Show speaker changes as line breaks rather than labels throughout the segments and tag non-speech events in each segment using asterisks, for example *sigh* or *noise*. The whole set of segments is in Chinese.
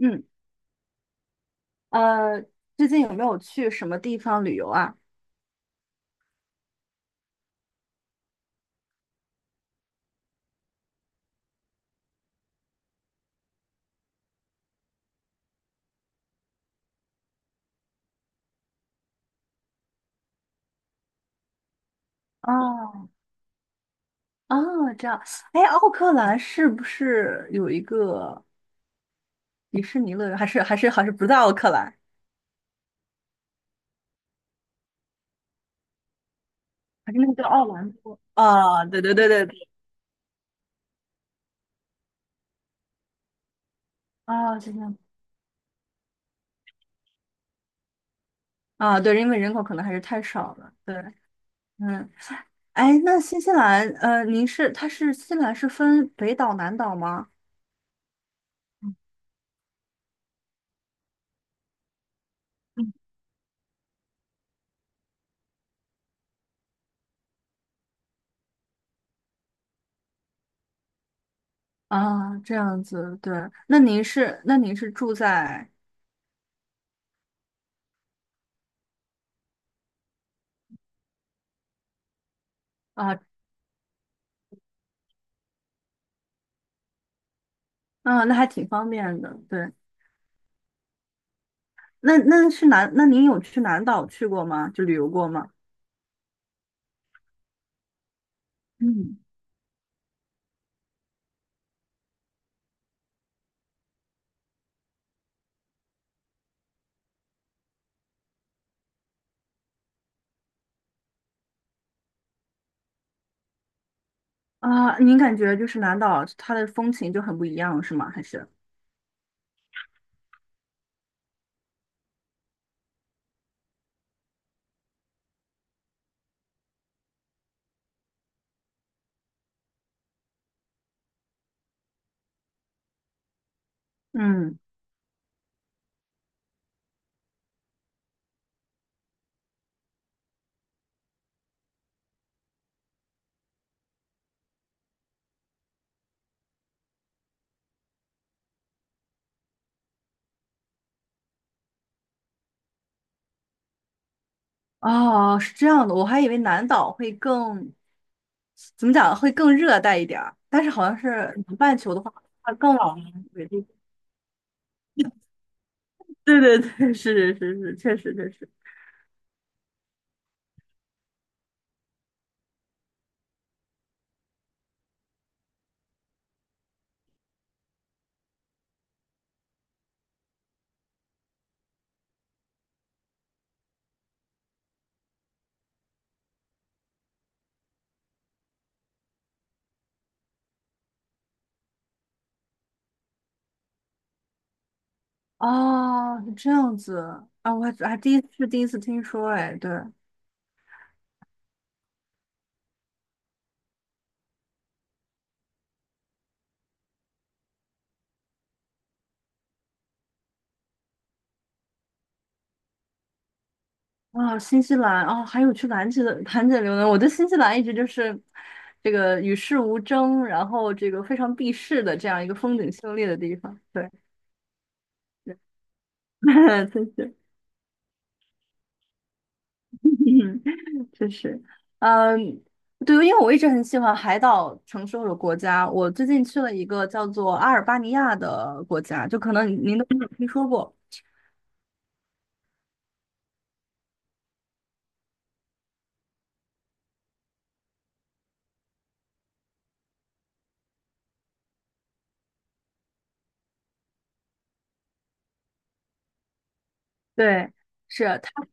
嗯，呃，最近有没有去什么地方旅游啊？哦，哦，这样，哎，奥克兰是不是有一个迪士尼乐园？还是不在奥克兰？还是那个叫奥兰多？啊、对对对对对，啊、是这样。啊，对，因为人口可能还是太少了。对，嗯，哎，那新西兰，您是它是新西兰是分北岛南岛吗？嗯啊，这样子，对，那您是住在啊啊，那还挺方便的，对。那是南，那您有去南岛去过吗？就旅游过吗？嗯，啊，您感觉就是南岛它的风情就很不一样，是吗？还是？嗯，哦，是这样的，我还以为南岛会更，怎么讲，会更热带一点儿，但是好像是南半球的话，它更往对。 *laughs* 对对对，是是是是，确实确实。哦，是这样子啊，我还第一次听说，哎，对，啊，新西兰啊，还有去南极的兰芝游呢。我对新西兰一直就是这个与世无争，然后这个非常避世的这样一个风景秀丽的地方。对，对，*laughs* 真是，嗯，真是，嗯，对，因为我一直很喜欢海岛城市或者国家。我最近去了一个叫做阿尔巴尼亚的国家，就可能您都没有听说过。对，是它。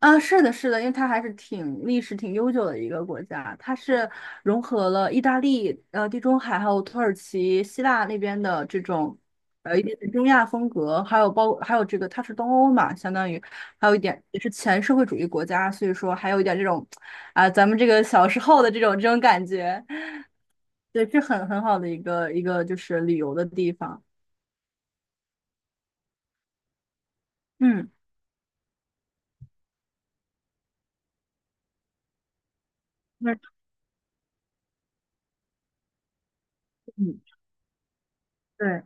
啊，是的，是的，因为它还是挺历史挺悠久的一个国家，它是融合了意大利、地中海还有土耳其、希腊那边的这种一点点中亚风格，还有这个它是东欧嘛，相当于还有一点也是前社会主义国家，所以说还有一点这种啊、咱们这个小时候的这种感觉，对，是很好的一个就是旅游的地方，嗯，那嗯，对。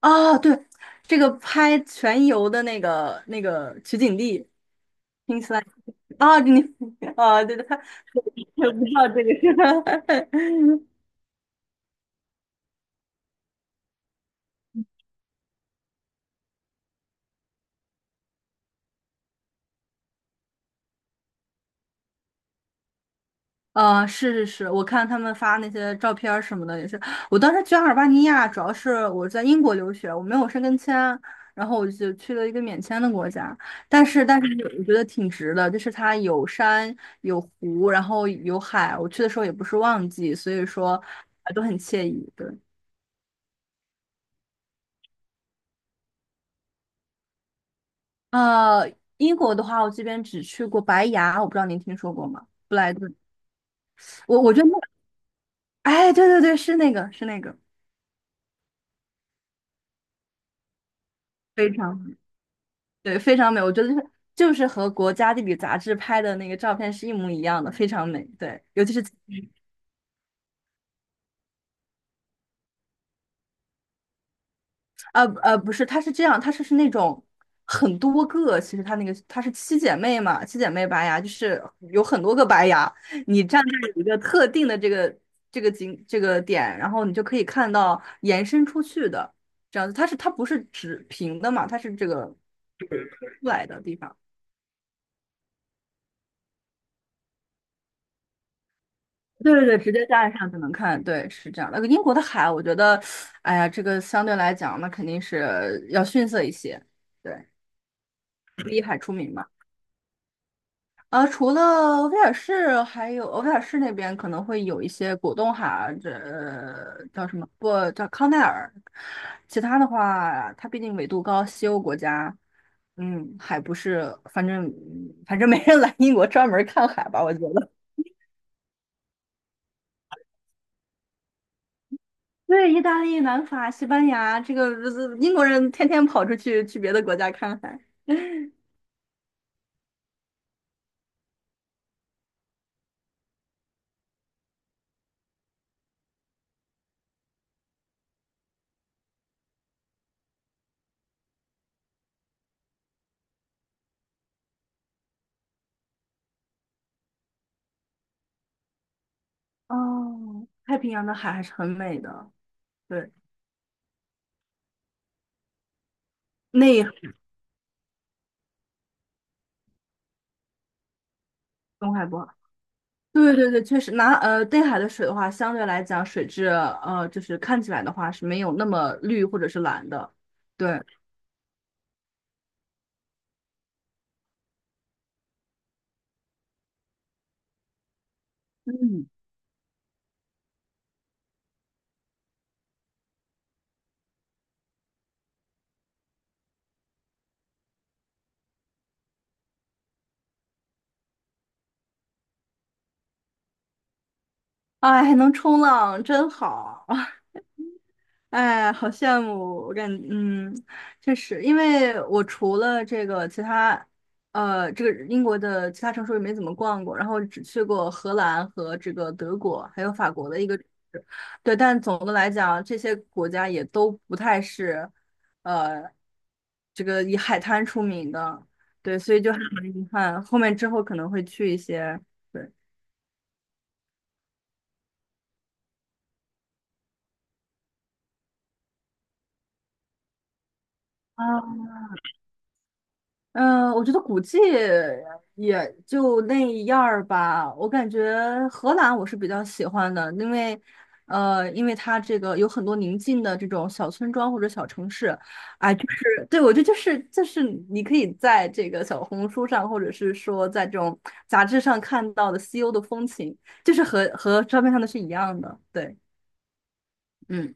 啊，对，这个拍全游的那个取景地，听起来啊，啊，对对，我不知道这个是。*laughs* 是是是，我看他们发那些照片儿什么的也是，我当时去阿尔巴尼亚，主要是我在英国留学，我没有申根签，然后我就去了一个免签的国家，但是我觉得挺值的，就是它有山有湖，然后有海，我去的时候也不是旺季，所以说都很惬意，对。呃，英国的话，我这边只去过白崖，我不知道您听说过吗？布莱顿，我觉得那，哎，对对对，是那个，是那个，非常对，非常美。我觉得就是和国家地理杂志拍的那个照片是一模一样的，非常美。对，尤其是不是，它是这样，它是那种很多个，其实它那个它是七姐妹嘛，七姐妹白牙就是有很多个白牙，你站在一个特定的这个景点，然后你就可以看到延伸出去的这样子，它是它不是直平的嘛，它是这个出来的地方。对对对，直接站上就能看，对，是这样那个英国的海，我觉得，哎呀，这个相对来讲，那肯定是要逊色一些，对，第海出名嘛。除了威尔士，还有威尔士那边可能会有一些果冻海，这叫什么？不叫康奈尔。其他的话，它毕竟纬度高，西欧国家，嗯，还不是，反正没人来英国专门看海吧，我觉得。*laughs* 对，意大利、南法、西班牙，这个英国人天天跑出去去别的国家看海。哦，太平洋的海还是很美的，对，内海东海不？对对对，确实拿内海的水的话，相对来讲水质就是看起来的话是没有那么绿或者是蓝的，对，嗯，哎，还能冲浪真好。*laughs* 哎，好羡慕！嗯，确实，因为我除了这个其他，这个英国的其他城市也没怎么逛过，然后只去过荷兰和这个德国，还有法国的一个城市，对。但总的来讲，这些国家也都不太是，呃，这个以海滩出名的，对，所以就很遗憾。后面之后可能会去一些，对，啊，嗯，我觉得古迹也就那样儿吧。我感觉荷兰我是比较喜欢的，因为它这个有很多宁静的这种小村庄或者小城市，哎，就是对我觉得就是你可以在这个小红书上或者是说在这种杂志上看到的西欧的风情，就是和照片上的是一样的，对。嗯，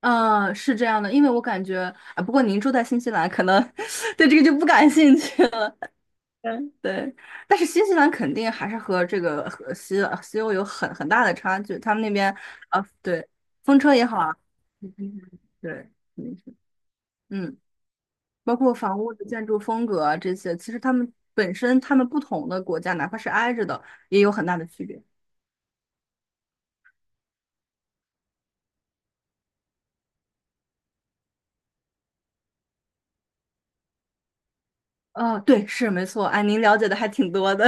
嗯，是这样的，因为我感觉啊，不过您住在新西兰，可能 *laughs* 对这个就不感兴趣了。嗯，对，但是新西兰肯定还是和这个和西欧有很大的差距。他们那边啊，对，风车也好啊，*laughs* 嗯对，肯定是，嗯，包括房屋的建筑风格啊这些，其实他们本身他们不同的国家，哪怕是挨着的，也有很大的区别。哦，对，是没错，哎，您了解的还挺多的，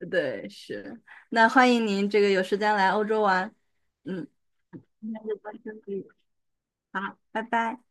*laughs* 对，是。那欢迎您这个有时间来欧洲玩，嗯，那就到这里，好，拜拜。